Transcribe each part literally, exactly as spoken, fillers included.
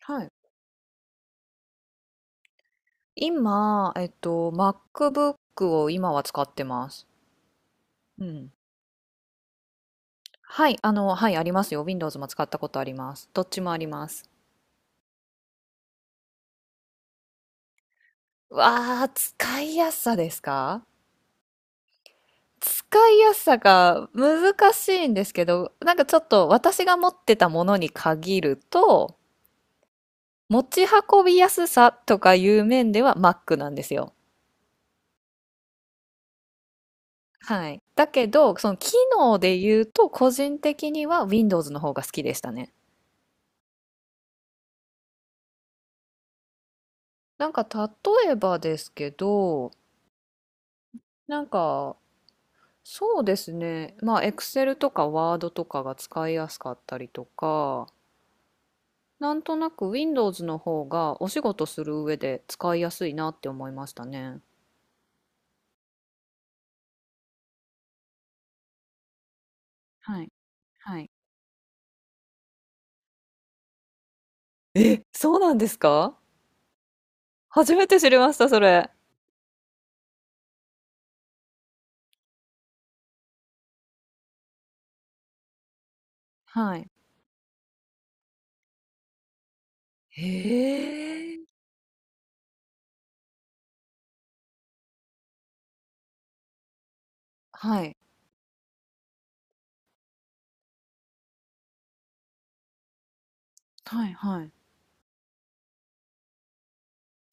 はい。今、えっと、MacBook を今は使ってます。うん。はい、あの、はい、ありますよ。Windows も使ったことあります。どっちもあります。わあ、使いやすさですか？使いやすさが難しいんですけど、なんかちょっと私が持ってたものに限ると、持ち運びやすさとかいう面では Mac なんですよ。はい。だけど、その機能で言うと、個人的には Windows の方が好きでしたね。なんか例えばですけど、なんかそうですね、まあ Excel とか Word とかが使いやすかったりとか、なんとなく Windows の方がお仕事する上で使いやすいなって思いましたね。はい。はい。え、そうなんですか？初めて知りました、それ。はい。へえ。はい。はい。はい。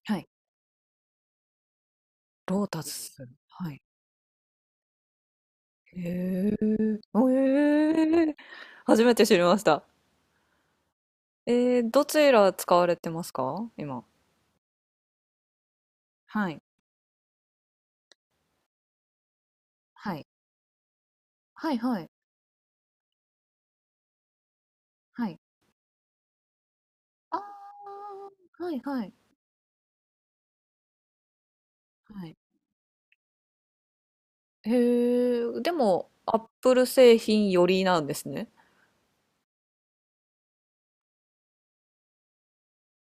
はい。ロータス。はい。へえ。ええ。初めて知りました。えー、どちら使われてますか今？はい。はい。はいはい。はい。ああ、はいはい。はい。へえ、でも、アップル製品よりなんですね。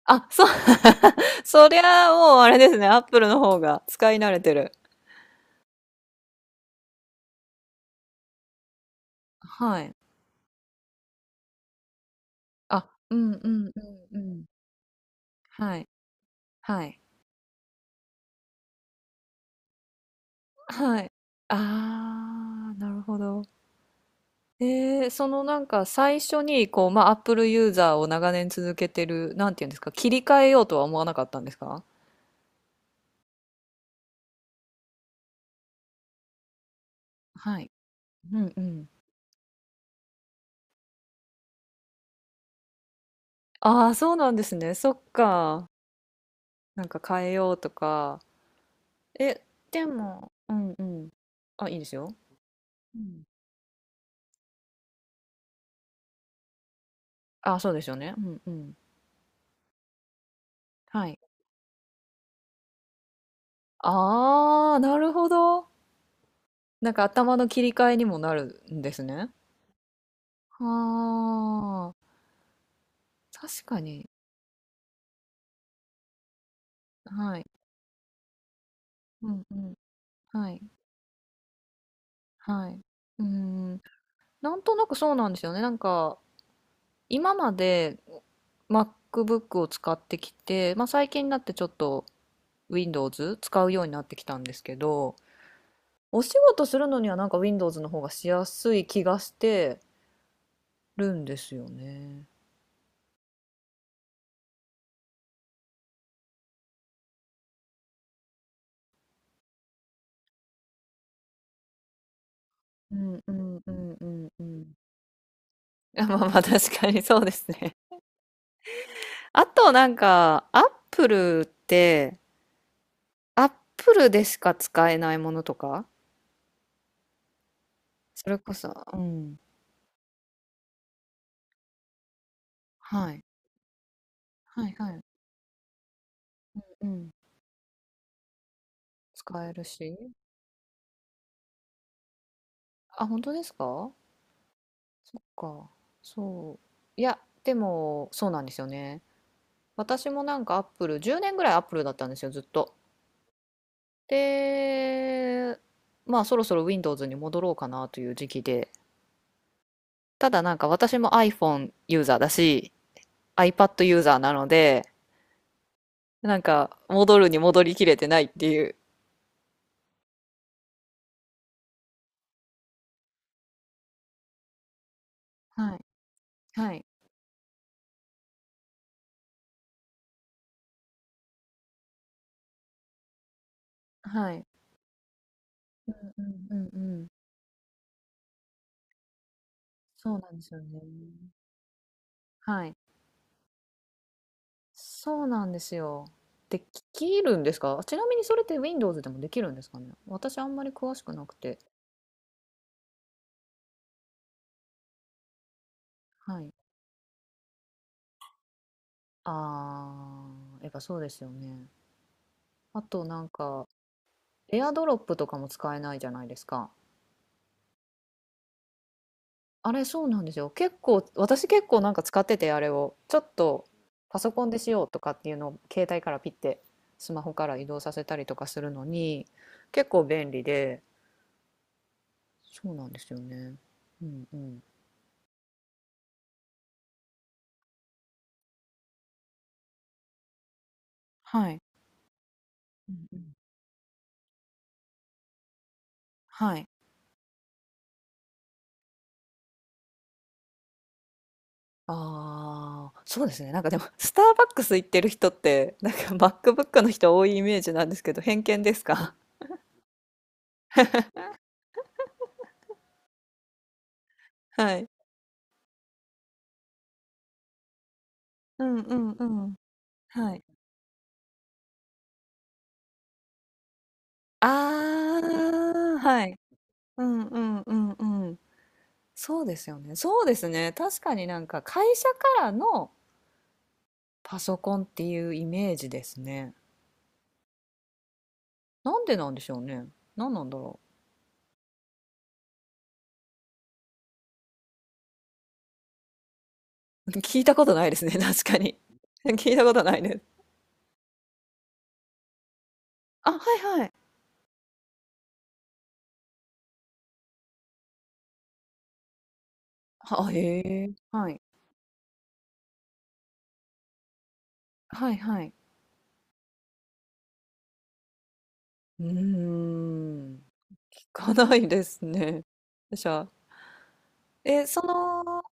あ、そう。そりゃもうあれですね、アップルの方が使い慣れてる。はい。あ、うんうんうんうん。はい。はい。はい。ああ、なるほど。えー、そのなんか最初にこう、まあ、Apple ユーザーを長年続けてる、なんていうんですか、切り替えようとは思わなかったんですか？はい。うんうん。ああ、そうなんですね。そっか。なんか変えようとか。え、でも、うんうん。あ、いいですよ。うん。あ、そうですよね。うんうん。はい。ああ、なるほど。なんか頭の切り替えにもなるんですね。はあ、確かに。はい。うんうん。はい。はい。うーん。なんとなくそうなんですよね。なんか、今まで MacBook を使ってきて、まあ最近になってちょっと Windows 使うようになってきたんですけど、お仕事するのにはなんか Windows の方がしやすい気がしてるんですよね。うんうんうんうんうん。あまあまあ確かにそうですね。あとなんか、アップルって、アップルでしか使えないものとか、それこそ、うん。はい。はいはい。うん。使えるし。あ、本当ですかか？そう。いや、でも、そうなんですよね。私もなんかアップル、じゅうねんぐらいアップルだったんですよ、ずっと。で、まあ、そろそろ Windows に戻ろうかなという時期で。ただなんか私も iPhone ユーザーだし、iPad ユーザーなので、なんか戻るに戻りきれてないっていう。はい、はい、はい。うんうんうんうん。そうなんですよね。はい。そうなんですよ。できるんですか？ちなみにそれって Windows でもできるんですかね？私あんまり詳しくなくて。はい。あー、やっぱそうですよね。あとなんか、AirDrop とかも使えないじゃないですか。あれそうなんですよ。結構、私結構なんか使ってて、あれを。ちょっとパソコンでしようとかっていうのを携帯からピッてスマホから移動させたりとかするのに、結構便利で。そうなんですよね。うんうん。はい。うんうんはい。ああ、そうですね。なんかでも、スターバックス行ってる人って、なんか MacBook の人多いイメージなんですけど、偏見ですか？ はい。うんうんうん。はい。ああ、はい。うんうんうんうん。そうですよね。そうですね。確かになんか会社からのパソコンっていうイメージですね。なんでなんでしょうね。なんなんだろう。聞いたことないですね。確かに。聞いたことないです。あ、はいはい。あ、へえ。はい。はいはい。うーん。聞かないですね。じゃあ、え、その、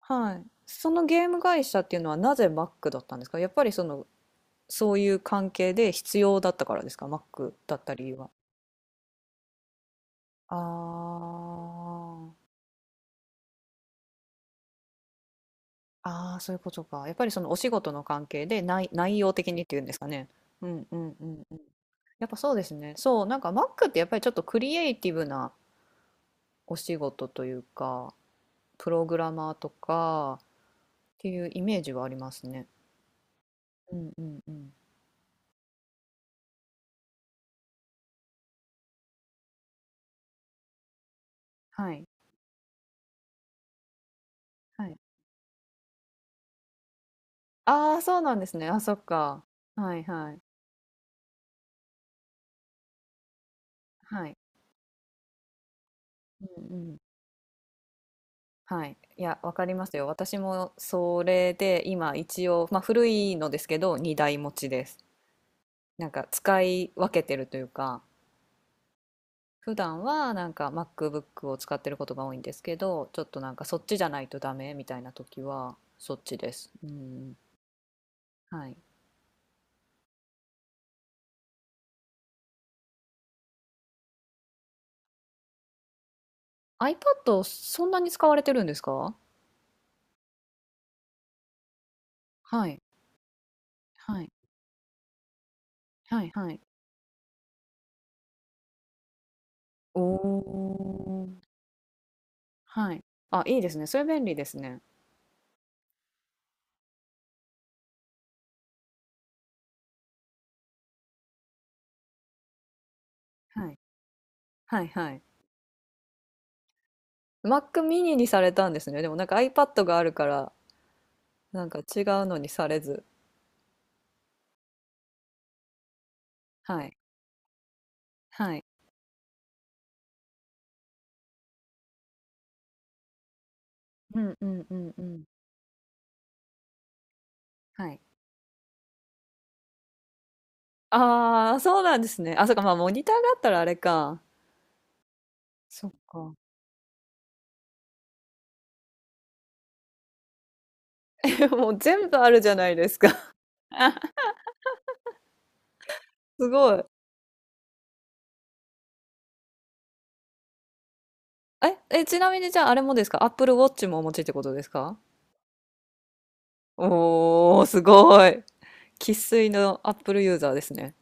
はい。そのゲーム会社っていうのはなぜ Mac だったんですか？やっぱりその、そういう関係で必要だったからですか？ Mac だった理由は。あーあー、そういうことか。やっぱりそのお仕事の関係で内、内容的にっていうんですかね。うんうんうんうん。やっぱそうですね。そう、なんか Mac ってやっぱりちょっとクリエイティブなお仕事というか、プログラマーとか、ていうイメージはありますね。うんうんうん。はい、はい。ああ、そうなんですね。あ、そっか。はいはい。はい。うんうん。はい。いや、わかりますよ。私もそれで今一応、まあ古いのですけど、にだい持ちです。なんか使い分けてるというか、普段はなんか MacBook を使ってることが多いんですけど、ちょっとなんかそっちじゃないとダメみたいな時はそっちです。うん。はい。iPad そんなに使われてるんですか？はい。はい。はいはい。おお。はい。あ、いいですね。それ便利ですね。はい。はいはい。Mac mini にされたんですね。でもなんか iPad があるから、なんか違うのにされず。はい。はい。うんうんうんうん。はい。ああ、そうなんですね。あ、そっか、まあモニターがあったらあれか。そっか。もう全部あるじゃないですか。すごい。え、え、ちなみにじゃああれもですか？ Apple Watch もお持ちってことですか？おー、すごい。生粋の Apple ユーザーですね。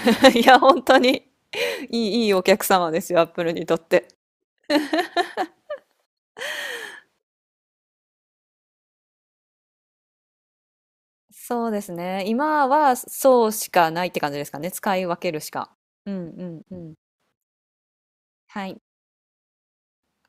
いや、本当にいい、いいお客様ですよ、アップルにとって。そうですね。今はそうしかないって感じですかね。使い分けるしか。うんうんうん。はい。